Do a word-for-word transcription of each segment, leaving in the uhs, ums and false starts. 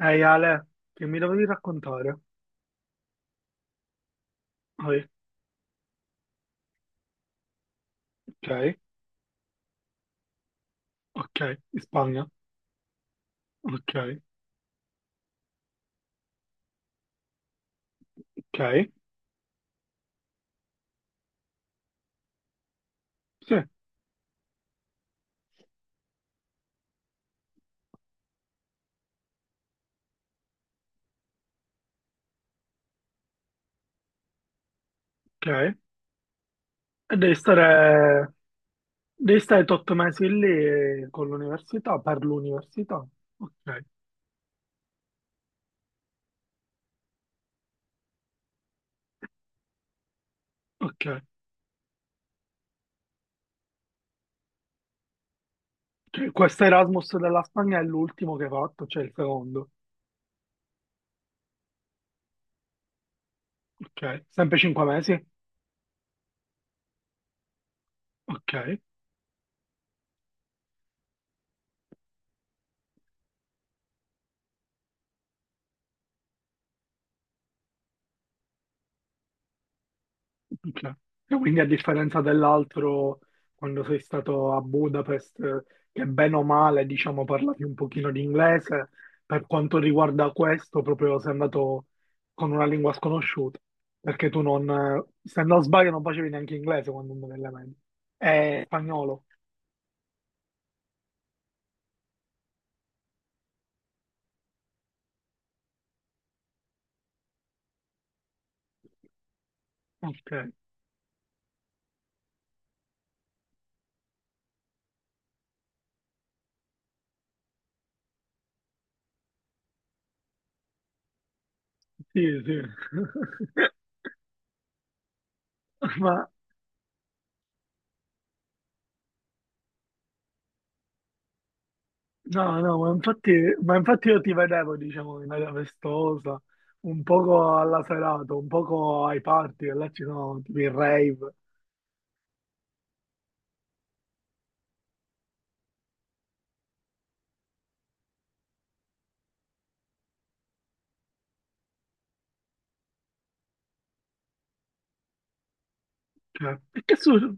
Ehi Ale, che mi dovevi raccontare? Ah, eh, ok. Ok, in Spagna. Ok, ok, sì, ok. E devi stare, devi stare otto mesi lì eh, con l'università, per l'università. Ok, ok. Cioè, questo Erasmus della Spagna è l'ultimo che hai fatto, cioè il secondo. Ok, sempre cinque mesi? Ok. Cioè, e quindi a differenza dell'altro, quando sei stato a Budapest, eh, che bene o male, diciamo, parlavi un pochino di inglese, per quanto riguarda questo, proprio sei andato con una lingua sconosciuta, perché tu non, eh, se non sbaglio, non facevi neanche inglese quando andavi alle medie. Eh, spagnolo. Ok, sì, sì. Ma no, no, ma infatti, ma infatti io ti vedevo, diciamo, in aria festosa, un poco alla serata, un poco ai party, e là ci sono tipo i rave. Cioè, e che, su-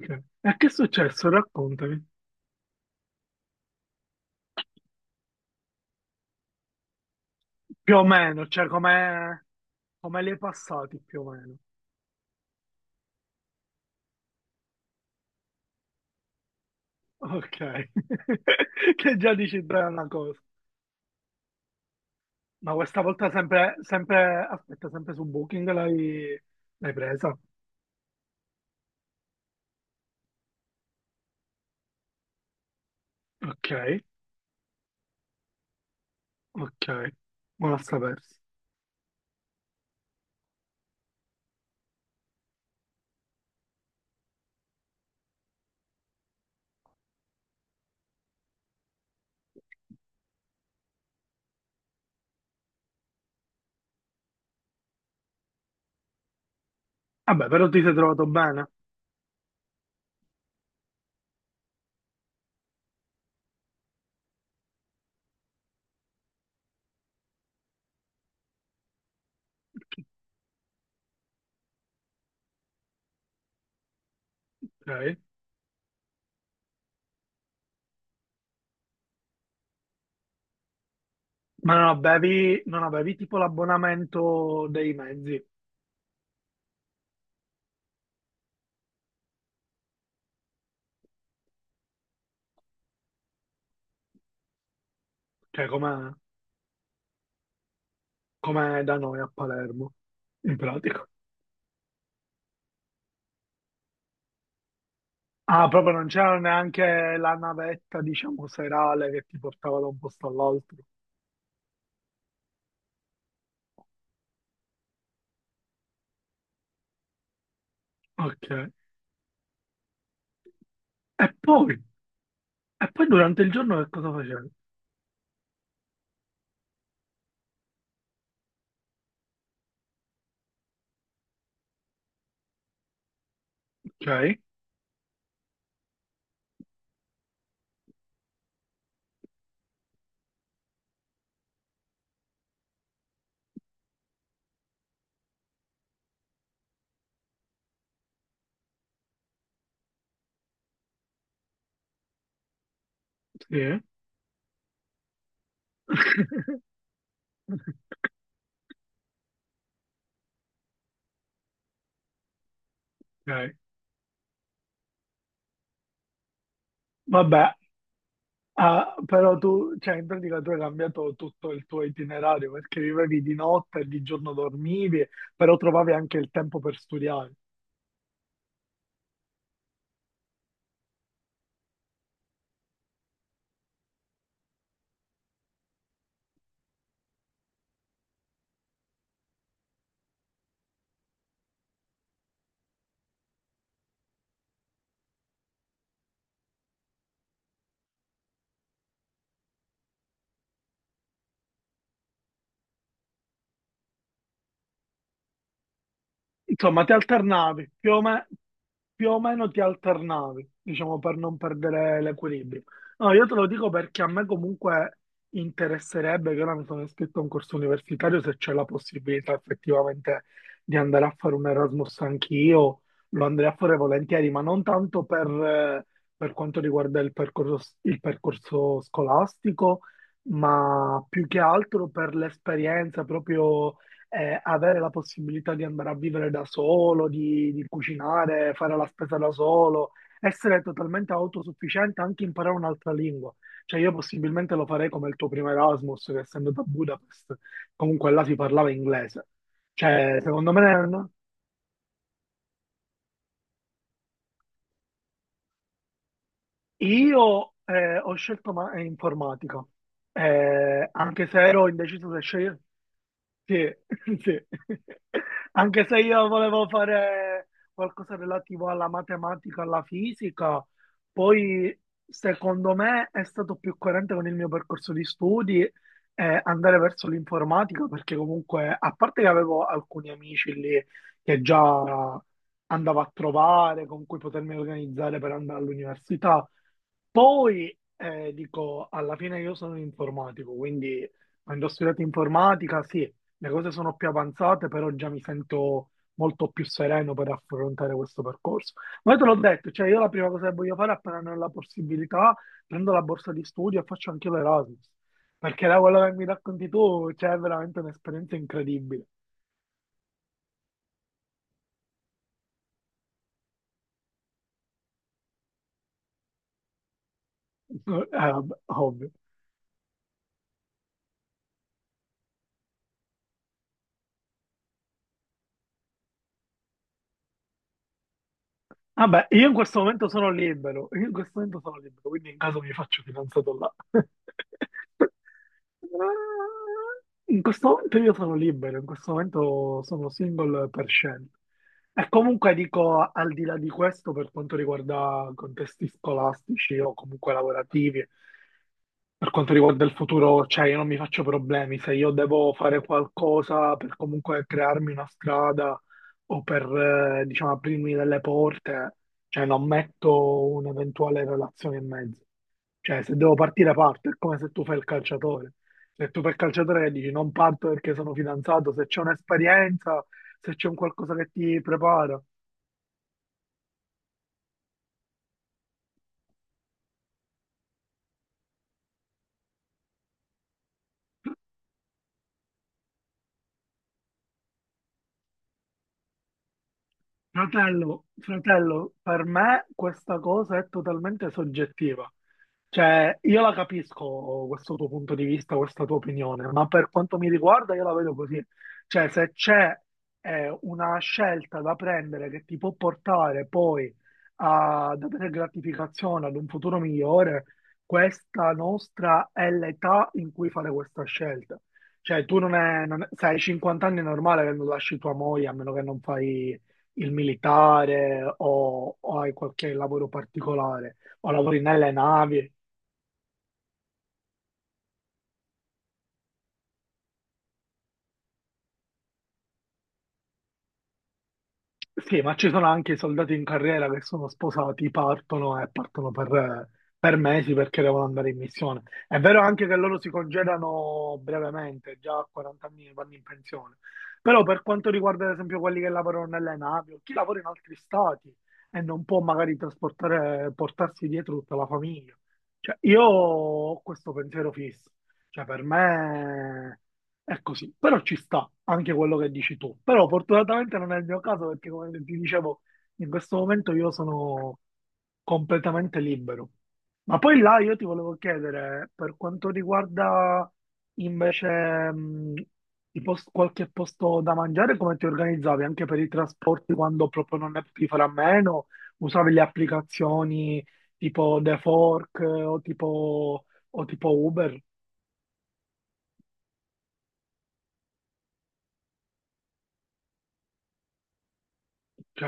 cioè, e che è successo? Raccontami. Più o meno, cioè, come, come li hai passati, più o meno. Ok. Che già dici bene una cosa. Ma questa volta sempre, sempre, aspetta, sempre su Booking l'hai, l'hai presa? Ok, ok. Buona a sapersi. Vabbè, però ti sei trovato bene. Ok. Ma non avevi, non avevi tipo l'abbonamento dei mezzi, cioè come, come da noi a Palermo, in pratica. Ah, proprio non c'era neanche la navetta, diciamo, serale che ti portava da un posto all'altro. Ok. E poi, e poi durante il giorno che cosa facevi? Ok, sì, ok. Vabbè, ah, però tu, cioè in pratica tu hai cambiato tutto il tuo itinerario perché vivevi di notte e di giorno dormivi, però trovavi anche il tempo per studiare. Insomma, ti alternavi, più o, me- più o meno ti alternavi, diciamo, per non perdere l'equilibrio. No, io te lo dico perché a me comunque interesserebbe, che ora mi sono iscritto a un corso universitario, se c'è la possibilità effettivamente di andare a fare un Erasmus anch'io, lo andrei a fare volentieri, ma non tanto per, eh, per quanto riguarda il percorso, il percorso scolastico, ma più che altro per l'esperienza proprio eh, avere la possibilità di andare a vivere da solo, di, di cucinare, fare la spesa da solo, essere totalmente autosufficiente, anche imparare un'altra lingua. Cioè io possibilmente lo farei come il tuo primo Erasmus, che essendo da Budapest, comunque là si parlava inglese. Cioè, secondo me, no? Io eh, ho scelto ma- eh, informatica, eh, anche se ero indeciso se scegliere. Sì, sì. Anche se io volevo fare qualcosa relativo alla matematica, alla fisica, poi secondo me è stato più coerente con il mio percorso di studi eh, andare verso l'informatica, perché comunque, a parte che avevo alcuni amici lì che già andavo a trovare, con cui potermi organizzare per andare all'università, poi eh, dico, alla fine io sono un informatico, quindi quando ho studiato informatica, sì, le cose sono più avanzate, però già mi sento molto più sereno per affrontare questo percorso. Ma io te l'ho detto, cioè io la prima cosa che voglio fare appena ne ho la possibilità, prendo la borsa di studio e faccio anche l'Erasmus, perché da quello che mi racconti tu, c'è veramente un'esperienza incredibile. Eh, vabbè, ovvio. Vabbè, io in questo momento sono libero, io in questo momento sono libero, quindi in caso mi faccio fidanzato là. In questo momento io sono libero, in questo momento sono single per scelta. E comunque dico, al di là di questo, per quanto riguarda contesti scolastici o comunque lavorativi, per quanto riguarda il futuro, cioè io non mi faccio problemi se io devo fare qualcosa per comunque crearmi una strada o per, eh, diciamo, aprirmi delle porte, cioè non metto un'eventuale relazione in mezzo. Cioè se devo partire parto, è come se tu fai il calciatore. Se tu fai il calciatore e dici non parto perché sono fidanzato, se c'è un'esperienza, se c'è un qualcosa che ti prepara. Fratello, fratello, per me questa cosa è totalmente soggettiva. Cioè, io la capisco questo tuo punto di vista, questa tua opinione, ma per quanto mi riguarda io la vedo così. Cioè, se c'è eh, una scelta da prendere che ti può portare poi a- ad avere gratificazione, ad un futuro migliore, questa nostra è l'età in cui fare questa scelta. Cioè, tu non è, non è- se hai cinquanta anni è normale che non lasci tua moglie, a meno che non fai il militare o, o hai qualche lavoro particolare o lavori nelle navi. Sì, ma ci sono anche i soldati in carriera che sono sposati, partono e partono per, per mesi perché devono andare in missione. È vero anche che loro si congedano brevemente, già a quaranta anni vanno in pensione. Però per quanto riguarda ad esempio quelli che lavorano nelle navi o chi lavora in altri stati e non può magari trasportare, portarsi dietro tutta la famiglia. Cioè, io ho questo pensiero fisso. Cioè, per me è così, però ci sta anche quello che dici tu. Però fortunatamente non è il mio caso perché, come ti dicevo, in questo momento io sono completamente libero. Ma poi là io ti volevo chiedere, per quanto riguarda invece mh, i pos- qualche posto da mangiare, come ti organizzavi anche per i trasporti quando proprio non ne potevi fare a meno? Usavi le applicazioni tipo The Fork eh, o tipo, o tipo Uber? Ok,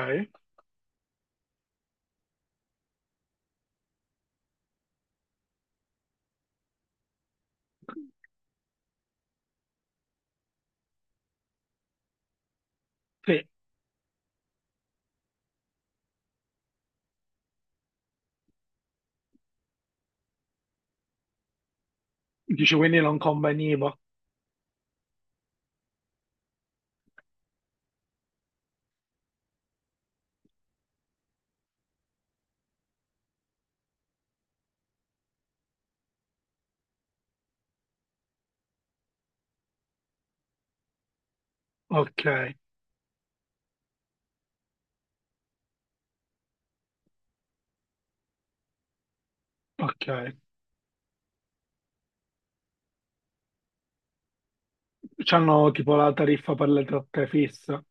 sì, dici quindi non conveniva. Ok, ok. C'hanno tipo la tariffa per le tratte fissa.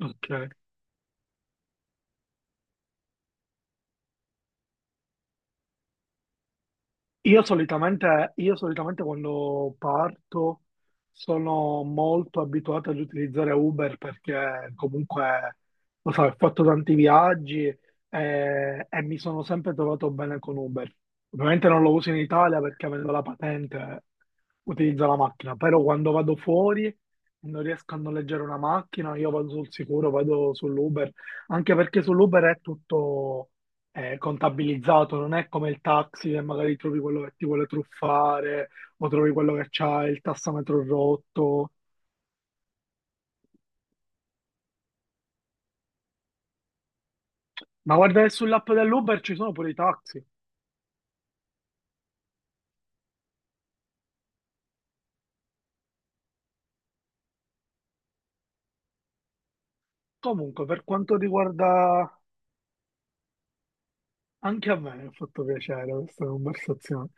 Ok. Io solitamente, io solitamente quando parto sono molto abituato ad utilizzare Uber perché comunque, lo so, ho fatto tanti viaggi eh, e, mi sono sempre trovato bene con Uber. Ovviamente non lo uso in Italia perché avendo la patente utilizzo la macchina, però quando vado fuori e non riesco a noleggiare una macchina, io vado sul sicuro, vado sull'Uber, anche perché sull'Uber è tutto, è contabilizzato, non è come il taxi che magari trovi quello che ti vuole truffare o trovi quello che c'ha il tassametro rotto. Ma guarda che sull'app dell'Uber ci sono pure i taxi. Comunque, per quanto riguarda, anche a me, mi ha fatto piacere questa conversazione.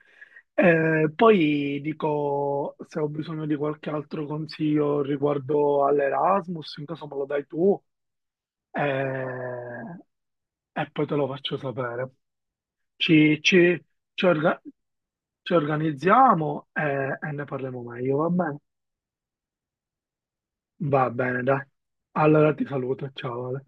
Eh, poi dico se ho bisogno di qualche altro consiglio riguardo all'Erasmus, in caso me lo dai tu, eh, e poi te lo faccio sapere. Ci, ci, ci orga- Ci organizziamo e, e ne parliamo meglio, va bene? Va bene, dai. Allora ti saluto, ciao Ale.